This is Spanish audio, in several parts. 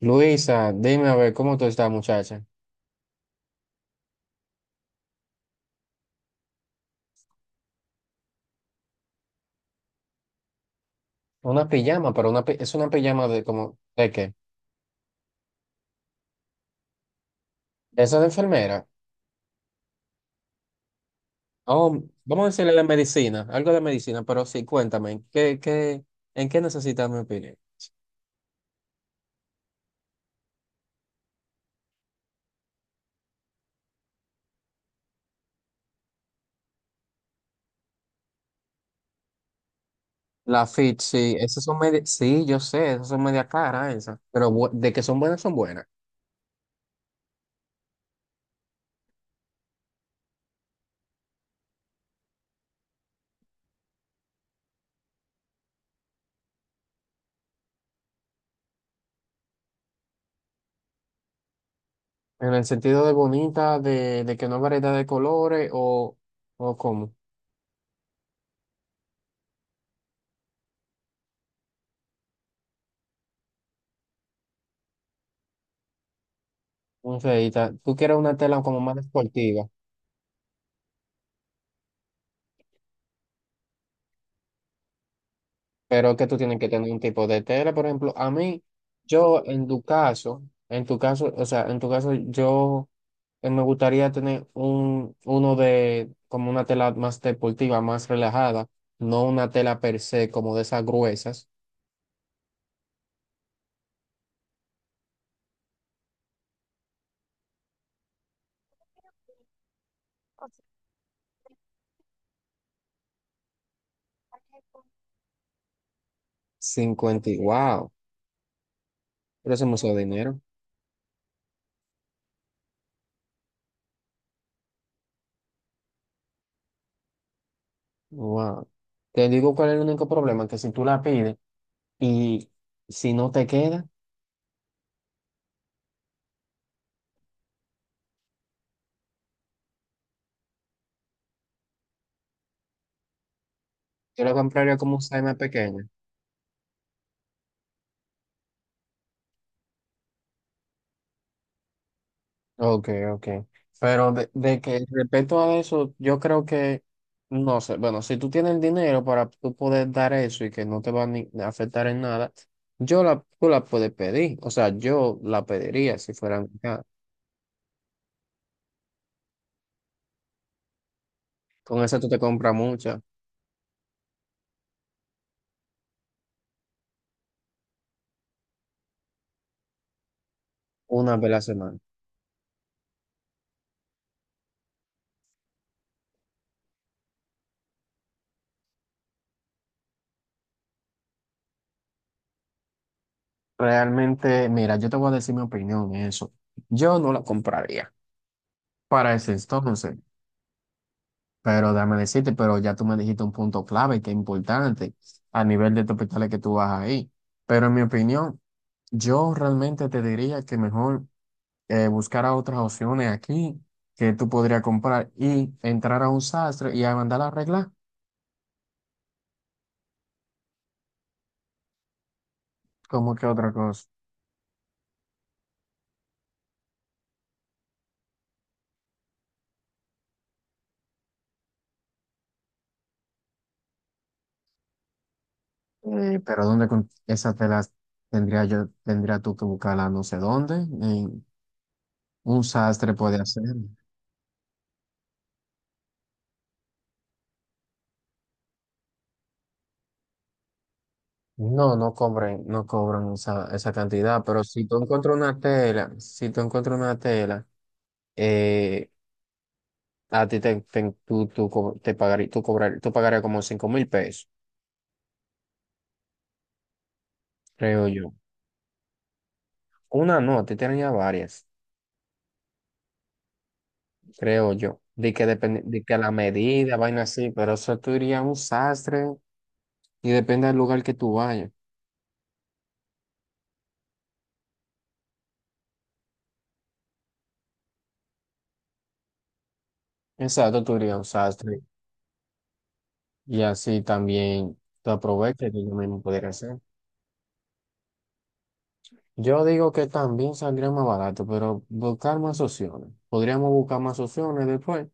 Luisa, dime a ver cómo tú estás, muchacha. Una pijama, pero es una pijama de como, ¿de qué? ¿De esa de enfermera? Oh, vamos a decirle de medicina, algo de medicina, pero sí, cuéntame, ¿ en qué necesitas mi opinión? La fit, sí, esas son medias, sí, yo sé, esas son medias caras esas, pero de que son buenas, son buenas. En el sentido de bonita, de que no hay variedad de colores o cómo. No sé, y tú quieres una tela como más deportiva. Pero que tú tienes que tener un tipo de tela, por ejemplo, a mí, yo en tu caso, o sea, en tu caso, yo me gustaría tener uno de, como una tela más deportiva, más relajada, no una tela per se, como de esas gruesas, cincuenta, wow, pero eso es mucho dinero, wow. Te digo cuál es el único problema, que si tú la pides y si no te queda, yo la compraría como un size más pequeño. Ok, ok. Pero de, que respecto a eso, yo creo que, no sé, bueno, si tú tienes el dinero para tú poder dar eso y que no te va a a afectar en nada, tú la puedes pedir. O sea, yo la pediría si fueran acá. Con eso tú te compras muchas, una vez a la semana. Realmente, mira, yo te voy a decir mi opinión en eso. Yo no la compraría para ese entonces. Pero déjame decirte, pero ya tú me dijiste un punto clave que es importante a nivel de tu hospitales que tú vas ahí. Pero en mi opinión, yo realmente te diría que mejor buscar otras opciones aquí que tú podrías comprar y entrar a un sastre y a mandar a arreglar, como que otra cosa. Pero ¿dónde con esas telas tendría yo, tendría tú que buscarla no sé dónde? En un sastre puede hacer. No, no cobran esa cantidad, pero si tú encuentras una tela, si tú encuentras una tela, eh, a ti te, tú pagarías como 5.000 pesos, creo yo. Una no, a ti te ya varias, creo yo. De que depende, de que la medida, vaina así, pero eso tú irías a un sastre y depende del lugar que tú vayas. Exacto, tú irías a un sastre y así también tú aprovechas y tú mismo podrías hacer. Yo digo que también saldría más barato, pero buscar más opciones. Podríamos buscar más opciones después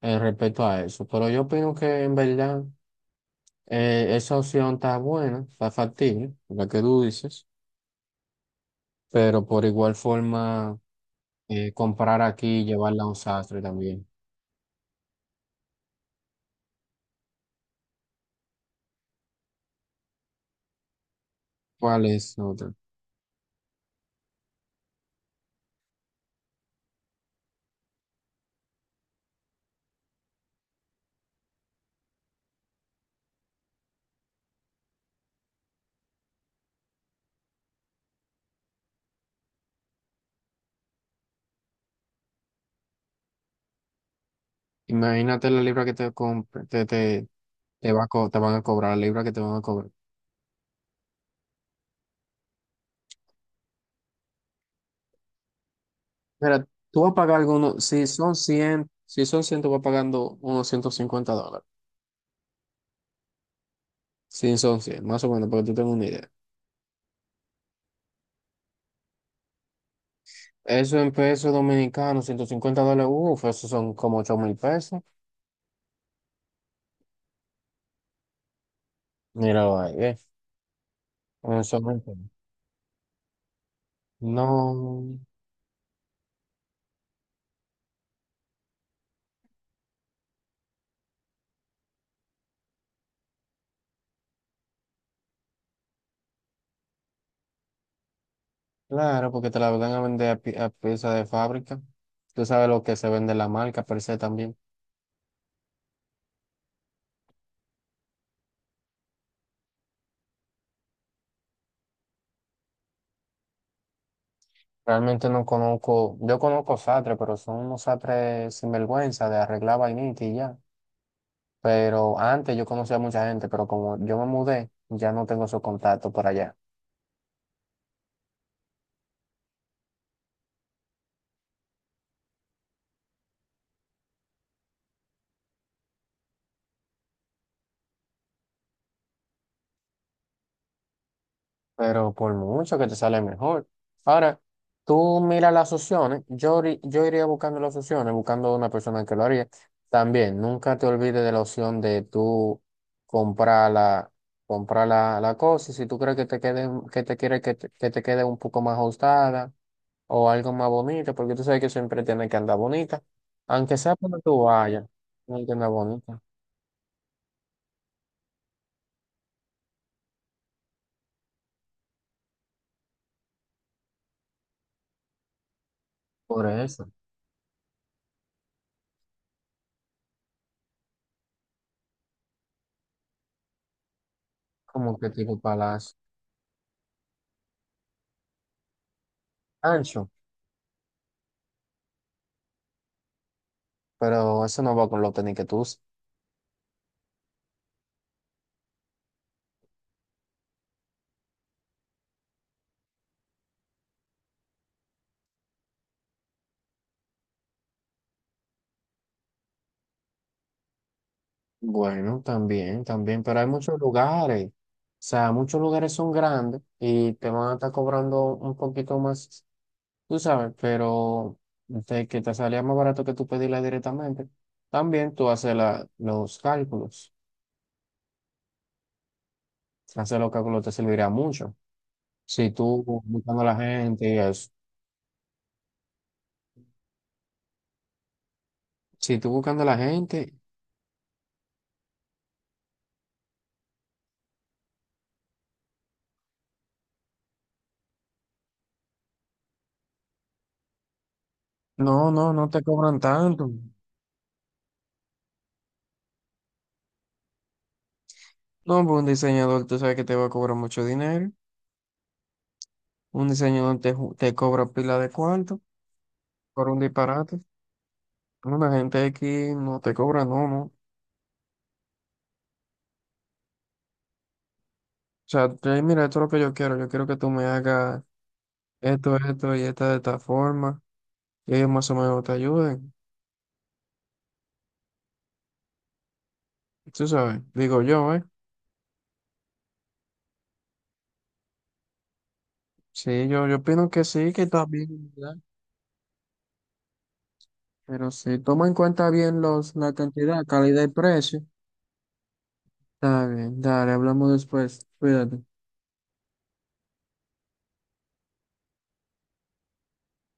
respecto a eso. Pero yo opino que en verdad esa opción está buena, está factible, la que tú dices. Pero por igual forma, comprar aquí y llevarla a un sastre también. ¿Cuál es la otra? Imagínate la libra que te, te, te van a cobrar, la libra que te van a cobrar. Mira, tú vas a pagar algunos, si son 100, si son 100, tú vas pagando unos 150 dólares. Sin son 100, más o menos, para que tú tengas una idea. Eso en pesos dominicanos, 150 dólares, uff, eso son como 8.000 pesos. Míralo ahí, ¿eh? Eso no, entiendo. No, claro, porque te la van a vender a, a pieza de fábrica. Tú sabes lo que se vende la marca per se también. Realmente no conozco, yo conozco sastres, pero son unos sastres sinvergüenza de arreglar vainita y ya. Pero antes yo conocía a mucha gente, pero como yo me mudé, ya no tengo esos contactos por allá. Pero por mucho que te sale mejor. Ahora, tú mira las opciones, yo iría buscando las opciones, buscando una persona que lo haría. También, nunca te olvides de la opción de tú comprar la, la cosa, y si tú crees que te quede, que te quede un poco más ajustada o algo más bonito, porque tú sabes que siempre tiene que andar bonita, aunque sea cuando tú vayas, tiene que andar bonita. Por eso, como que tipo palacio ancho, pero eso no va con los tenis que tú usas. Bueno, también, también, pero hay muchos lugares. O sea, muchos lugares son grandes y te van a estar cobrando un poquito más, tú sabes, pero de que te salía más barato que tú pedirla directamente. También tú haces los cálculos. Hacer los cálculos te servirá mucho. Si tú buscando a la gente y eso. Si tú buscando a la gente, no, no, no te cobran tanto. No, pues un diseñador, tú sabes que te va a cobrar mucho dinero. Un diseñador te cobra pila de cuarto. Por un disparate. No, la gente aquí no te cobra, no, no. O sea, tú mira, esto es lo que yo quiero. Yo quiero que tú me hagas esto, esto y esta de esta forma. Y ellos más o menos te ayuden. Tú sabes, digo yo, ¿eh? Sí, yo opino que sí, que está bien, ¿verdad? Pero si toma en cuenta bien la cantidad, calidad y precio, está bien. Dale, hablamos después. Cuídate.